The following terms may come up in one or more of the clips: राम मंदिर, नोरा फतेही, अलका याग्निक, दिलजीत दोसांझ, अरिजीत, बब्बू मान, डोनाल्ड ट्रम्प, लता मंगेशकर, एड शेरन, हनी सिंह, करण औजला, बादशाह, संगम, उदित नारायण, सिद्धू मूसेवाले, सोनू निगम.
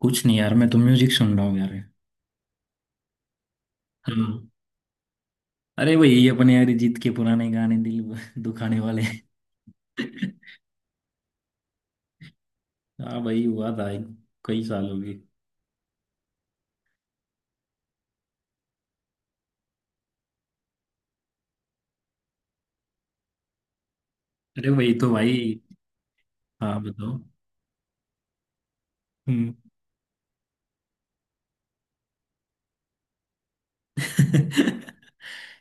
कुछ नहीं यार, मैं तो म्यूजिक सुन रहा हूँ यार। हाँ। अरे वही अपने अरिजीत के पुराने गाने, दिल दुखाने वाले। हाँ भाई, हुआ था। कई साल हो गए। अरे वही तो भाई। हाँ, बताओ। हम्म।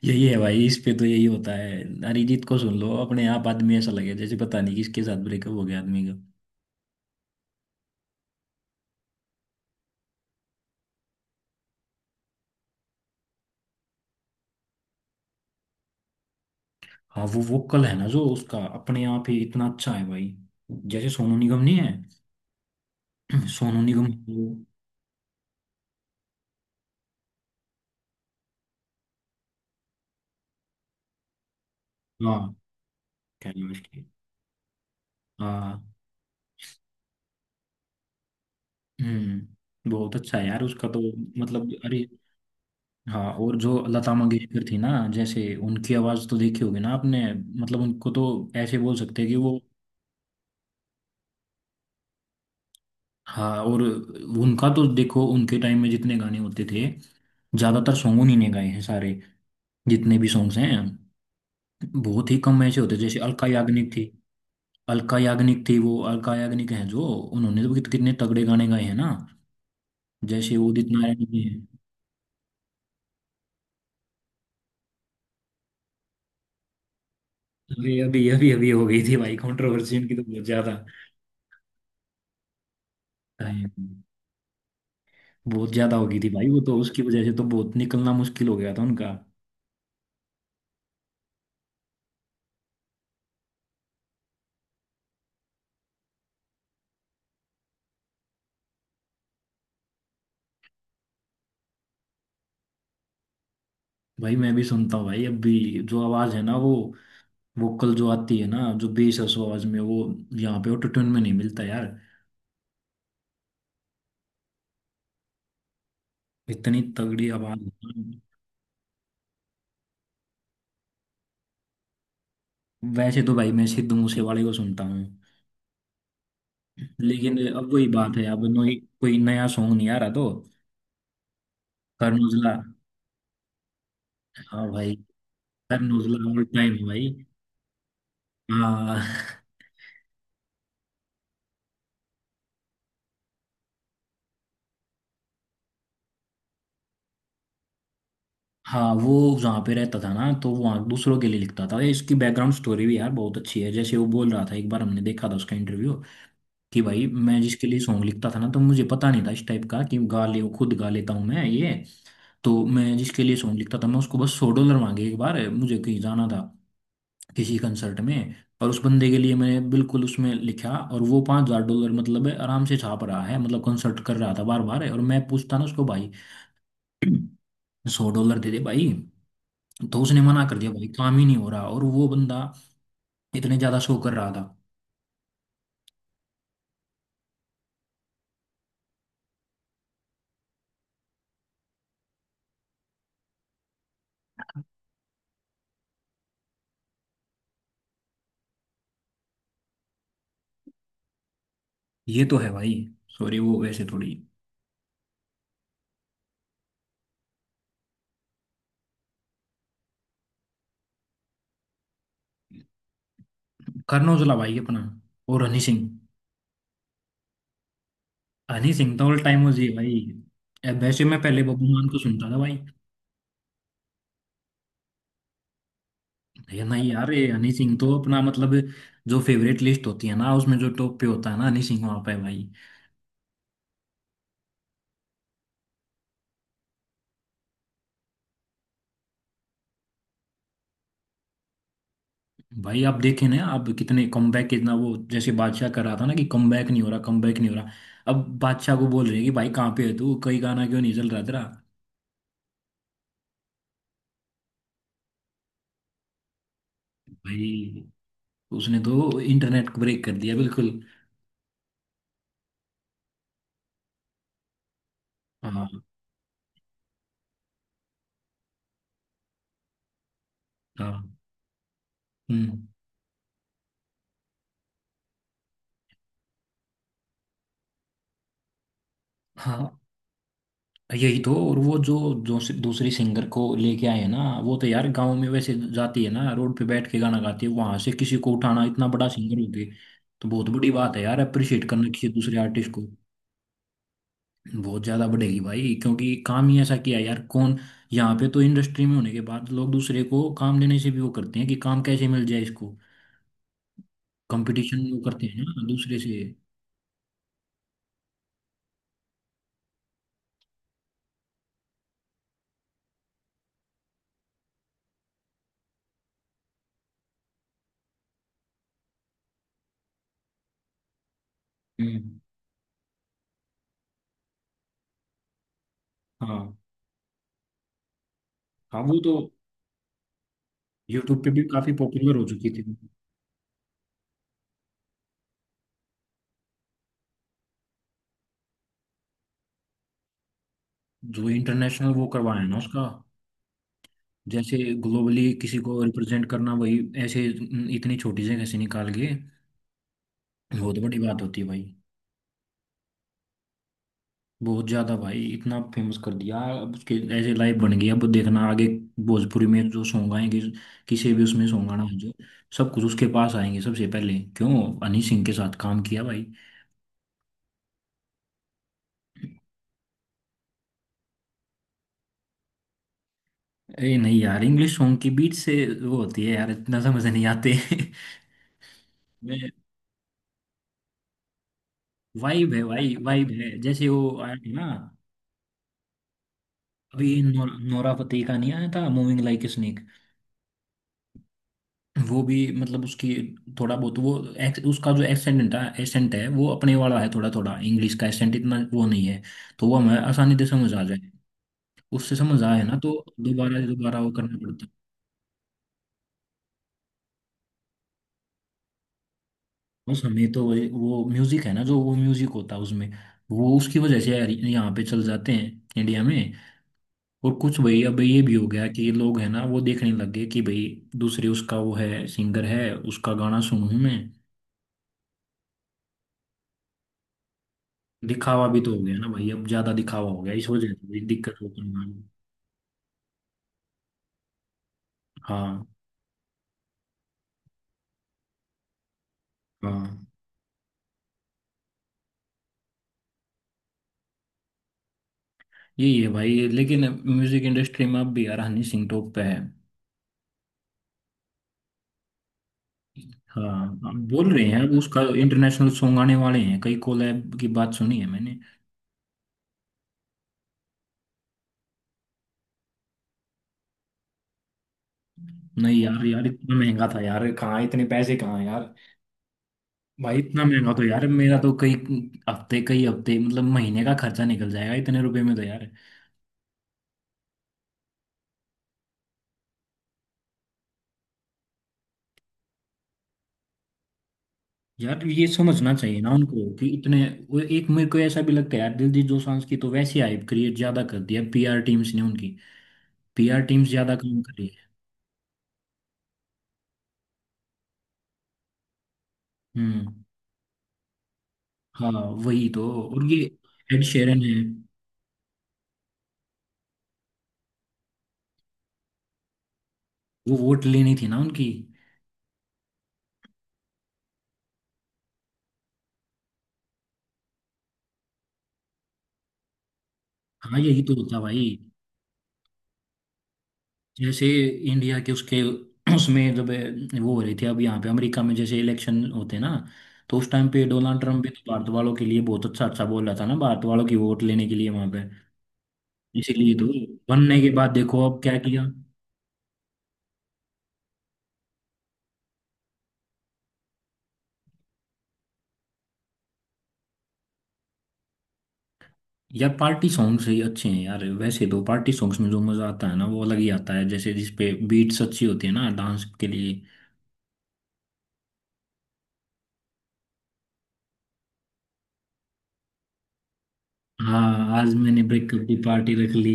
यही है भाई, इस पे तो यही होता है। अरिजीत को सुन लो, अपने आप आदमी ऐसा लगे जैसे पता नहीं किसके साथ ब्रेकअप हो गया आदमी का। हाँ, वो वोकल है ना जो उसका अपने आप ही इतना अच्छा है भाई। जैसे सोनू निगम नहीं है। सोनू निगम। वो। हाँ। क्या नाम है उसकी? बहुत अच्छा है यार उसका तो। मतलब अरे। हाँ, और जो लता मंगेशकर थी ना। जैसे उनकी आवाज तो देखी होगी ना आपने। मतलब उनको तो ऐसे बोल सकते हैं कि वो। हाँ, और उनका तो देखो उनके टाइम में जितने गाने होते थे, ज्यादातर सॉन्ग उन्हीं ने गाए हैं सारे। जितने भी सॉन्ग्स हैं, बहुत ही कम ऐसे होते जैसे अलका याग्निक थी। अलका याग्निक थी, वो अलका याग्निक है जो उन्होंने तो कितने तगड़े गाने गाए हैं ना। जैसे उदित नारायण जी हैं। अरे अभी अभी अभी हो गई थी भाई कंट्रोवर्सी इनकी तो बहुत ज्यादा। भाई, बहुत ज्यादा हो गई थी भाई, वो तो उसकी वजह से तो बहुत निकलना मुश्किल हो गया था उनका। भाई मैं भी सुनता हूँ भाई, अब भी जो आवाज है ना, वो वोकल जो आती है ना, जो बेस है उस आवाज में, वो यहाँ पे ऑटोट्यून में नहीं मिलता यार। इतनी तगड़ी आवाज है ना। वैसे तो भाई मैं सिद्धू मूसेवाले को सुनता हूँ। लेकिन अब वही बात है, अब नई कोई नया सॉन्ग नहीं आ रहा तो। करण औजला। हाँ भाई। करण औजला ऑल टाइम है भाई। हाँ। हाँ वो जहाँ पे रहता था ना तो वहाँ दूसरों के लिए लिखता था। ये इसकी बैकग्राउंड स्टोरी भी यार बहुत अच्छी है, जैसे वो बोल रहा था, एक बार हमने देखा था उसका इंटरव्यू, कि भाई मैं जिसके लिए सॉन्ग लिखता था ना, तो मुझे पता नहीं था इस टाइप का, कि गा ले खुद, गा लेता हूँ मैं ये। तो मैं जिसके लिए सॉन्ग लिखता था, मैं उसको बस $100 मांगे। एक बार मुझे कहीं जाना था किसी कंसर्ट में, और उस बंदे के लिए मैंने बिल्कुल उसमें लिखा, और वो $5,000 मतलब आराम से छाप रहा है, मतलब कंसर्ट कर रहा था बार बार। और मैं पूछता ना उसको, भाई $100 दे दे भाई। तो उसने मना कर दिया भाई, काम ही नहीं हो रहा। और वो बंदा इतने ज्यादा शो कर रहा था। ये तो है भाई। सॉरी, वो वैसे थोड़ी। करण औजला भाई अपना, और हनी सिंह। हनी सिंह तो ऑल टाइम हो जी भाई। वैसे मैं पहले बब्बू मान को सुनता था भाई। ये नहीं यार, ये हनी सिंह तो अपना मतलब जो फेवरेट लिस्ट होती है ना, उसमें जो टॉप पे होता है ना, हनी सिंह वहां पे भाई। भाई आप देखे ना, आप कितने कमबैक कितना वो, जैसे बादशाह कर रहा था ना कि कमबैक नहीं हो रहा, कमबैक नहीं हो रहा। अब बादशाह को बोल रहे हैं कि भाई कहाँ पे है तू, कई गाना क्यों नहीं चल रहा तेरा। भाई, तो उसने तो इंटरनेट को ब्रेक कर दिया बिल्कुल। हाँ। हाँ। हम्म। हाँ, यही तो। और वो जो जो दूसरी सिंगर को लेके आए हैं ना, वो तो यार गांव में वैसे जाती है ना, रोड पे बैठ के गाना गाती है, वहां से किसी को उठाना, इतना बड़ा सिंगर हो गए। तो बहुत बड़ी बात है यार, अप्रिशिएट करना किसी दूसरे आर्टिस्ट को। बहुत ज्यादा बढ़ेगी भाई, क्योंकि काम ही ऐसा किया है यार। कौन, यहाँ पे तो इंडस्ट्री में होने के बाद लोग दूसरे को काम देने से भी वो करते हैं कि काम कैसे मिल जाए इसको। कंपटीशन वो करते हैं ना दूसरे से। हम्म। हाँ। हाँ वो तो यूट्यूब पे भी काफी पॉपुलर हो चुकी थी। जो इंटरनेशनल वो करवाया है ना उसका। जैसे ग्लोबली किसी को रिप्रेजेंट करना, वही ऐसे इतनी छोटी जगह से निकाल के, बहुत बड़ी बात होती है भाई। बहुत ज्यादा भाई, इतना फेमस कर दिया, अब उसके ऐसे लाइव बन गया। अब देखना आगे भोजपुरी में जो सॉन्ग आएंगे, किसी भी उसमें सॉन्ग आना हो जो, सब कुछ उसके पास आएंगे सबसे पहले, क्यों? हनी सिंह के साथ काम किया भाई। ए नहीं यार, इंग्लिश सॉन्ग की बीट से वो होती है यार, इतना समझ नहीं आते। मैं, वाइब है भाई, वाइब है, जैसे वो आया था ना। अभी नौ, नोरा फतेही का नहीं आया था मूविंग लाइक ए स्नेक। वो भी, मतलब उसकी थोड़ा बहुत वो, उसका जो एक्सेंट है, एसेंट है, वो अपने वाला है थोड़ा थोड़ा, इंग्लिश का एसेंट इतना वो नहीं है, तो वो हमें आसानी से समझ आ जाए। उससे समझ आए ना तो दोबारा दोबारा वो करना पड़ता है। बस हमें तो वो म्यूजिक है ना, जो वो म्यूजिक होता है उसमें, वो उसकी वजह से यार यहाँ पे चल जाते हैं इंडिया में। और कुछ भाई अब ये भी हो गया कि ये लोग है ना, वो देखने लग गए कि भाई दूसरे उसका वो है सिंगर है, उसका गाना सुनूं मैं। दिखावा भी तो हो गया ना भाई, अब ज्यादा दिखावा हो गया, इस वजह से भाई दिक्कत होती है। हाँ। हाँ। यही है भाई, लेकिन म्यूजिक इंडस्ट्री में अब भी यार हनी सिंह टॉप पे है। हाँ, हम बोल रहे हैं अब उसका इंटरनेशनल सॉन्ग आने वाले हैं, कई कोलैब की बात सुनी है मैंने। नहीं यार, यार इतना महंगा था यार, कहाँ इतने पैसे कहाँ यार। भाई इतना महंगा तो यार, मेरा तो कई हफ्ते, कई हफ्ते, मतलब महीने का खर्चा निकल जाएगा इतने रुपए में तो यार। यार ये समझना चाहिए ना उनको कि इतने। वो एक मेरे को ऐसा भी लगता है यार, दिलजीत दोसांझ की तो वैसी हाइप क्रिएट ज्यादा कर दिया पीआर टीम्स ने उनकी, पीआर टीम्स ज्यादा काम कर रही है। हम्म। हाँ, वही तो। और ये एड शेरन है। वो वोट लेनी थी ना उनकी। हाँ, यही तो होता भाई। जैसे इंडिया के उसके उसमें, जब वो हो रही थी अब यहाँ पे अमेरिका में जैसे इलेक्शन होते हैं ना, तो उस टाइम पे डोनाल्ड ट्रम्प भी तो भारत वालों के लिए बहुत अच्छा अच्छा बोल रहा था ना, भारत वालों की वोट लेने के लिए वहां पे। इसीलिए तो बनने के बाद देखो अब क्या किया। यार पार्टी सॉन्ग्स ही अच्छे हैं यार, वैसे तो पार्टी सॉन्ग्स में जो मजा आता है ना, वो अलग ही आता है, जैसे जिसपे बीट्स अच्छी होती है ना, डांस के लिए। हाँ, आज मैंने ब्रेकअप की पार्टी रख ली।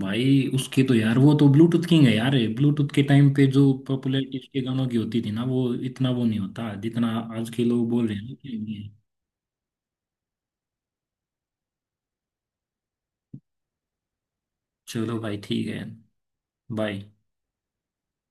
भाई उसके तो यार, वो तो ब्लूटूथ किंग है यार। ब्लूटूथ के टाइम पे जो पॉपुलैरिटी उसके गानों की होती थी ना, वो इतना वो नहीं होता जितना आज के लोग बोल रहे हैं ना कि ये। चलो भाई ठीक है। बाय।